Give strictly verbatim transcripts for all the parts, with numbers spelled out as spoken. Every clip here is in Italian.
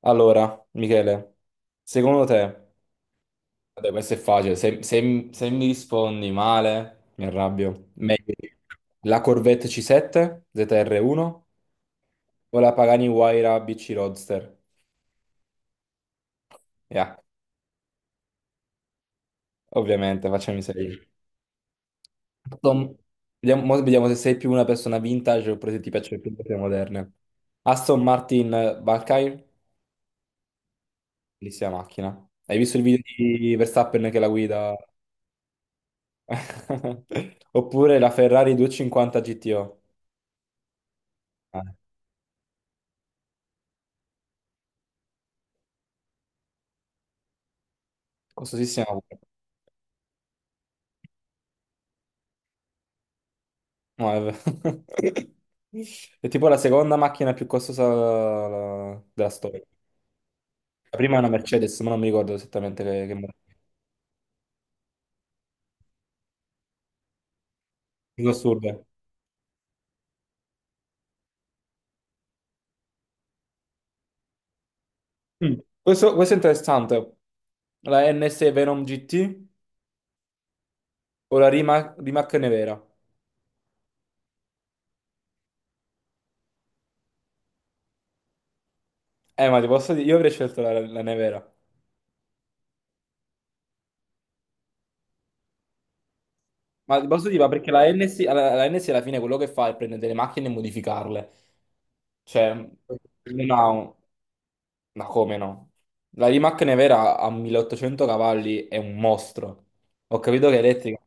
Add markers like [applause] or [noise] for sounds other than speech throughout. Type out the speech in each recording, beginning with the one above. Allora, Michele, secondo te, vabbè, questo è facile, se, se- se mi rispondi male, mi arrabbio. Meglio di- la Corvette C sette Z R uno o la Pagani Huayra B C Roadster? Yeah, ovviamente, facciami sapere. Aston- Vediamo, mo vediamo se sei più una persona vintage oppure se ti piacciono più le cose moderne. Aston Martin Valkyrie, bellissima macchina. Hai visto il video di Verstappen che la guida? [laughs] Oppure la Ferrari duecentocinquanta G T O. Ah, costosissima pure. No, è vero. [laughs] È tipo la seconda macchina più costosa la- della storia. La prima è una Mercedes, ma non mi ricordo esattamente che, che marca. Cosa assurda. Mm. Questo, questo è interessante. La N S Venom G T o la Rimac, Rimac Nevera? Eh, ma ti posso dire, io avrei scelto la, la Nevera. Ma ti posso dire, ma perché la N S, alla- la N S alla fine quello che fa è prendere delle macchine e modificarle. Cioè, non ha un-. Ma come no? La Rimac Nevera a milleottocento cavalli è un mostro. Ho capito che è elettrica.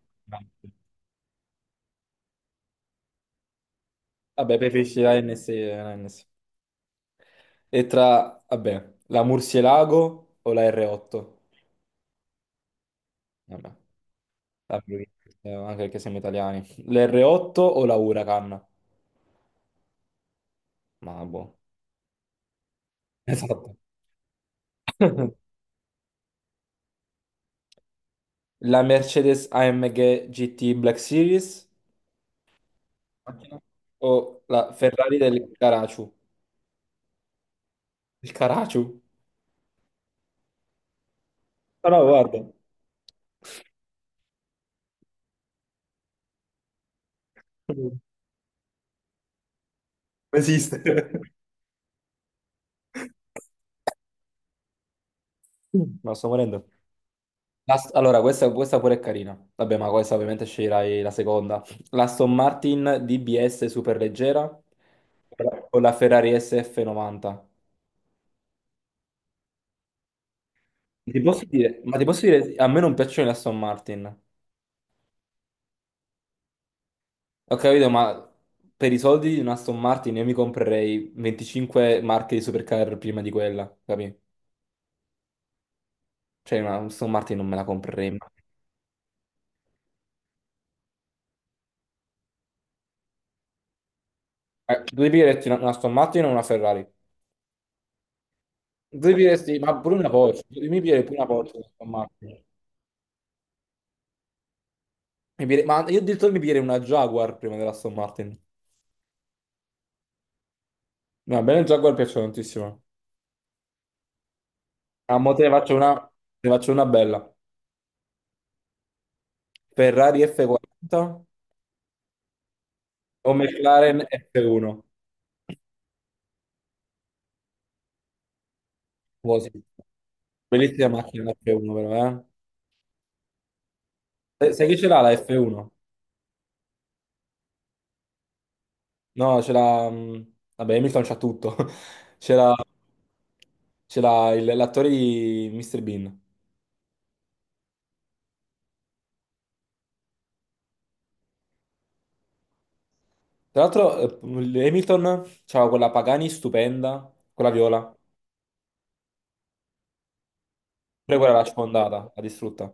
Vabbè, preferisci la N S, la N S. E tra, vabbè, la Murcielago o la R otto? Vabbè, vabbè, eh, anche perché siamo italiani. L'R otto o la Huracan? Ma boh. Esatto. [laughs] La Mercedes A M G G T Black Series? Macchina? O la Ferrari del Caracciu? Il Caracciu? No, no, guarda, non esiste. No, sto morendo. Ast- Allora, questa, questa pure è carina. Vabbè, ma questa ovviamente sceglierai la seconda. L'Aston Martin D B S superleggera o la Ferrari S F novanta? Ti posso dire, ma ti posso dire, a me non piacciono le Aston Martin. Ho capito, ma per i soldi di una Aston Martin io mi comprerei venticinque marche di supercar prima di quella, capì? Cioè, una Aston Martin non me la comprerei mai. Eh, tu devi dirti una, una Aston Martin o una Ferrari? Diresti, ma pure una Porsche, mi piglierei pure una Porsche da Aston Martin. Mi piglierei- ma io addirittura mi piglierei una Jaguar prima della Aston Martin. No, a me le Jaguar piacciono tantissimo. A mo te ne faccio una, te ne faccio una bella. Ferrari F quaranta o McLaren F uno? Oh, sì. Bellissima macchina la F uno però, eh. Eh, Sai chi ce l'ha la F uno? No, ce l'ha, mh, vabbè, Hamilton c'ha tutto. [laughs] Ce l'ha ce l'ha il- l'attore di mister Bean. Tra l'altro, eh, Hamilton c'aveva quella Pagani stupenda, quella viola, pure quella l'ha sfondata, l'ha distrutta.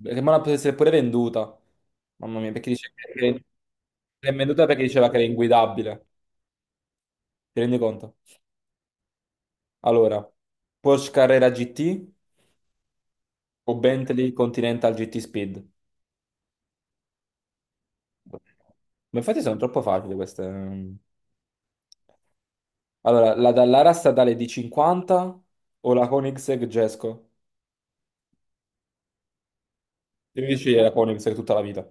Che ma la poteva essere pure venduta. Mamma mia, perché dice che che è venduta perché diceva che era inguidabile. Ti rendi conto? Allora, Porsche Carrera G T o Bentley Continental G T Speed? Ma infatti sono troppo facili queste. ehm. Allora, la Dallara statale di cinquanta o la Koenigsegg Gesco? Devi dici la Koenigsegg tutta la vita.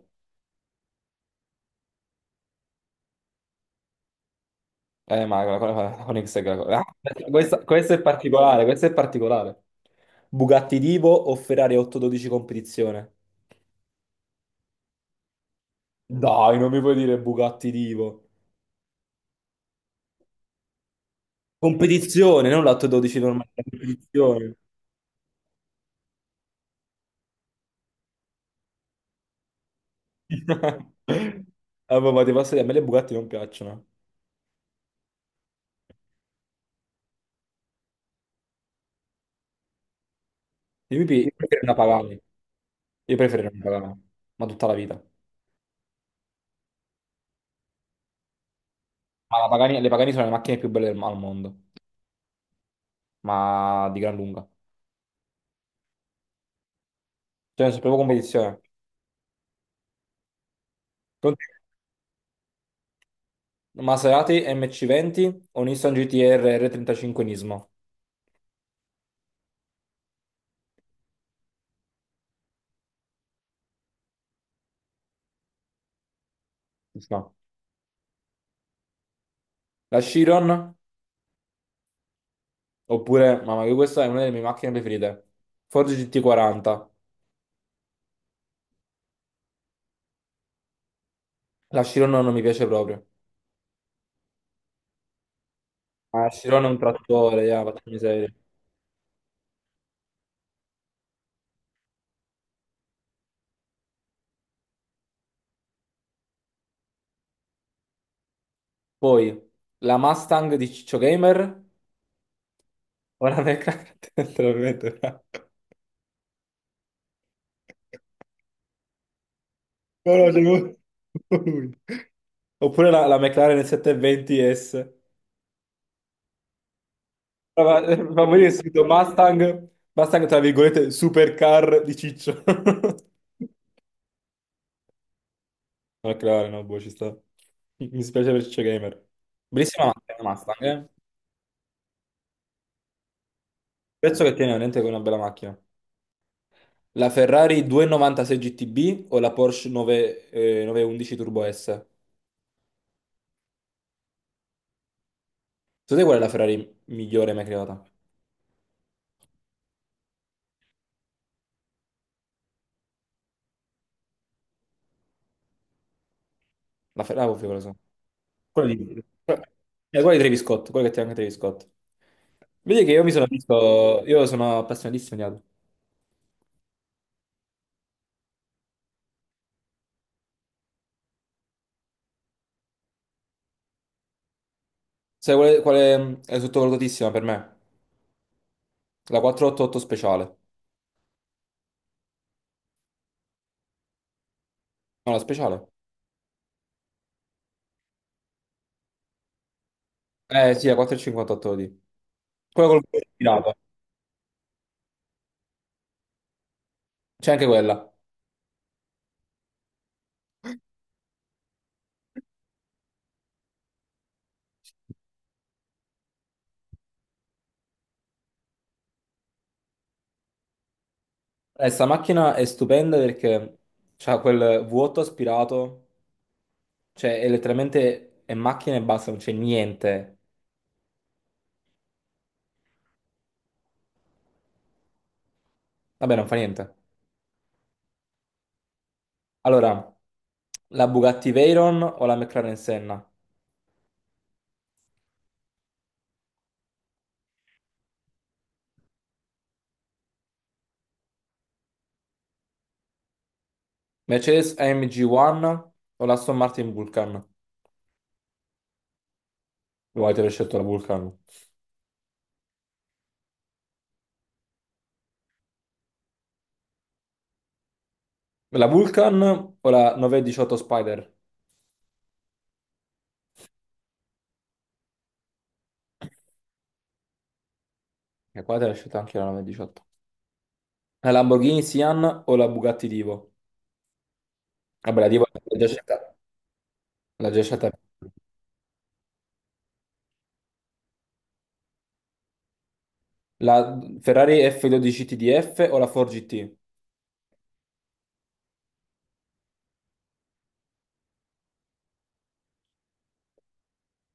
Eh, ma la, la, la Koenigsegg, la- ah, questa, questa è particolare, questa è particolare. Bugatti Divo o Ferrari otto dodici competizione? Dai, non mi puoi dire Bugatti Divo. Competizione, non l'otto dodici normale, la competizione. [laughs] Vabbè, ma ti posso dire, a me le Bugatti non piacciono. Io, mi pi- io preferirei una Pagani, io preferirei una Pagani, ma tutta la vita. Ma la Pagani- le Pagani sono le macchine più belle del- al mondo, ma di gran lunga. Cioè, è proprio competizione. Maserati M C venti o Nissan G T-R R trentacinque Nismo? No. La Chiron, oppure, mamma mia, questa è una delle mie macchine preferite. Ford G T quaranta. La Chiron non mi piace proprio. La Chiron è un trattore, yeah, porca miseria. Poi, la Mustang di Ciccio Gamer o la McLaren, [laughs] letteralmente. No. No, no, c'è lui. [laughs] Oppure la, la McLaren settecentoventi esse. Ma, ma morire subito Mustang, Mustang tra virgolette supercar di Ciccio. [laughs] McLaren, no, boh, ci sta. Mi mi dispiace per Ciccio Gamer. Bellissima macchina la Mustang, eh. Penso che tiene veramente con una bella macchina. La Ferrari duecentonovantasei G T B o la Porsche 9, eh, nove undici Turbo S? Secondo te qual è la Ferrari migliore mai creata? La Ferrari, ovvio, quella so. Quella di... eh, quella di Travis Scott, quella che tiene anche Travis Scott. Vedi che io mi sono visto, io sono appassionatissimo di auto. Sai quale, quale è sottovalutatissima per me? La quattrocentottantotto speciale. No, la speciale? Eh sì, la quattrocentocinquantotto di. Quella col cuore aspirato. C'è anche quella. Eh, sta macchina è stupenda perché c'ha quel vuoto aspirato. Cioè, è letteralmente è macchina e basta, non c'è niente. Vabbè, non fa niente. Allora, la Bugatti Veyron o la McLaren Senna? Mercedes A M G One o la Aston Martin Vulcan? Voi avete scelto la Vulcan. La Vulcan o la novecentodiciotto Spider? E qua te l'ho scelta anche io la novecentodiciotto. La Lamborghini Sian o la Bugatti Divo? Vabbè, la Divo l'ha già scelta. L'ha già scelta. La Ferrari F dodici T D F o la Ford G T?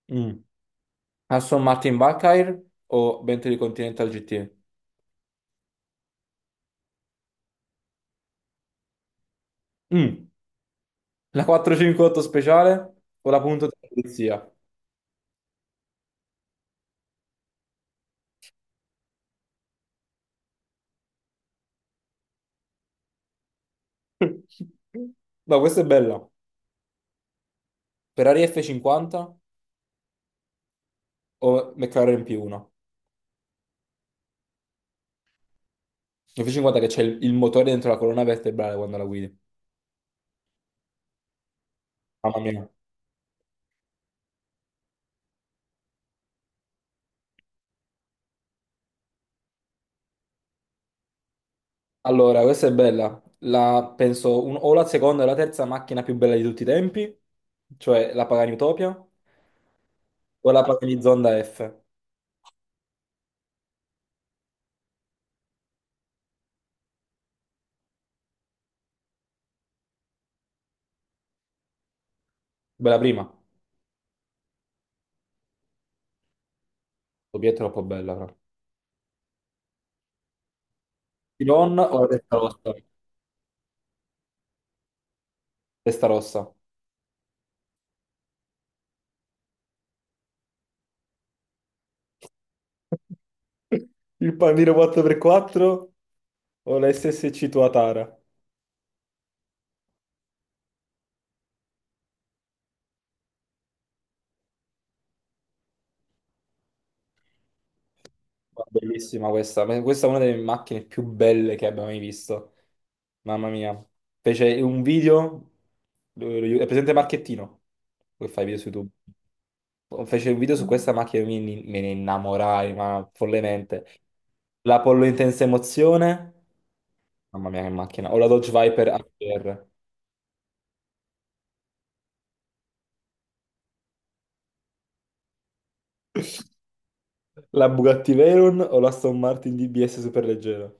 Mm. Aston Martin Valkyrie o Bentley Continental G T? Mm. La quattrocentocinquantotto speciale o la punto della polizia? [laughs] No, questa è bella. Ferrari F cinquanta o McLaren P uno? F cinquanta che c'è il, il motore dentro la colonna vertebrale quando la guidi. Mamma mia. Allora, questa è bella. La, penso un- o la seconda o la terza macchina più bella di tutti i tempi, cioè la Pagani Utopia o la Pagani Zonda F. Bella prima. Utopia è troppo bella, però. Chiron o la testa rossa? Testa rossa. [laughs] Il pandino quattro per quattro o la S S C Tuatara? Bellissima questa. Ma questa è una delle macchine più belle che abbia mai visto. Mamma mia. Fece un video, eh, è presente Marchettino, che fa i video su YouTube. Fece un video su questa macchina e mi- mi- me ne innamorai, ma follemente. L'Apollo Intensa Emozione, mamma mia che macchina. O la Dodge Viper H R. La Bugatti Veyron o la Aston Martin D B S superleggera.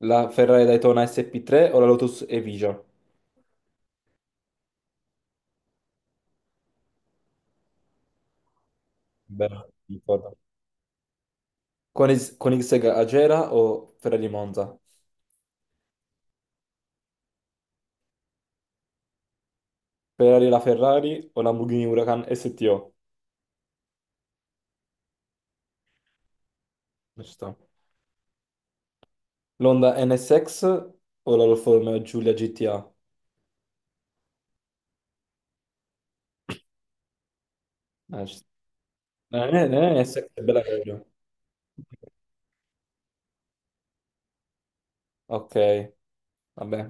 La Ferrari Daytona S P tre o la Lotus Evija. Beh, Con, is- con X-Tech Agera o Ferrari Monza? Ferrari la Ferrari o Lamborghini Huracan S T O? Eh, Ci sta. L'Honda N S X o la Alfa Romeo Giulia G T A? Eh, ci sta. Eh, eh, N S X è bella carina. Ok, vabbè.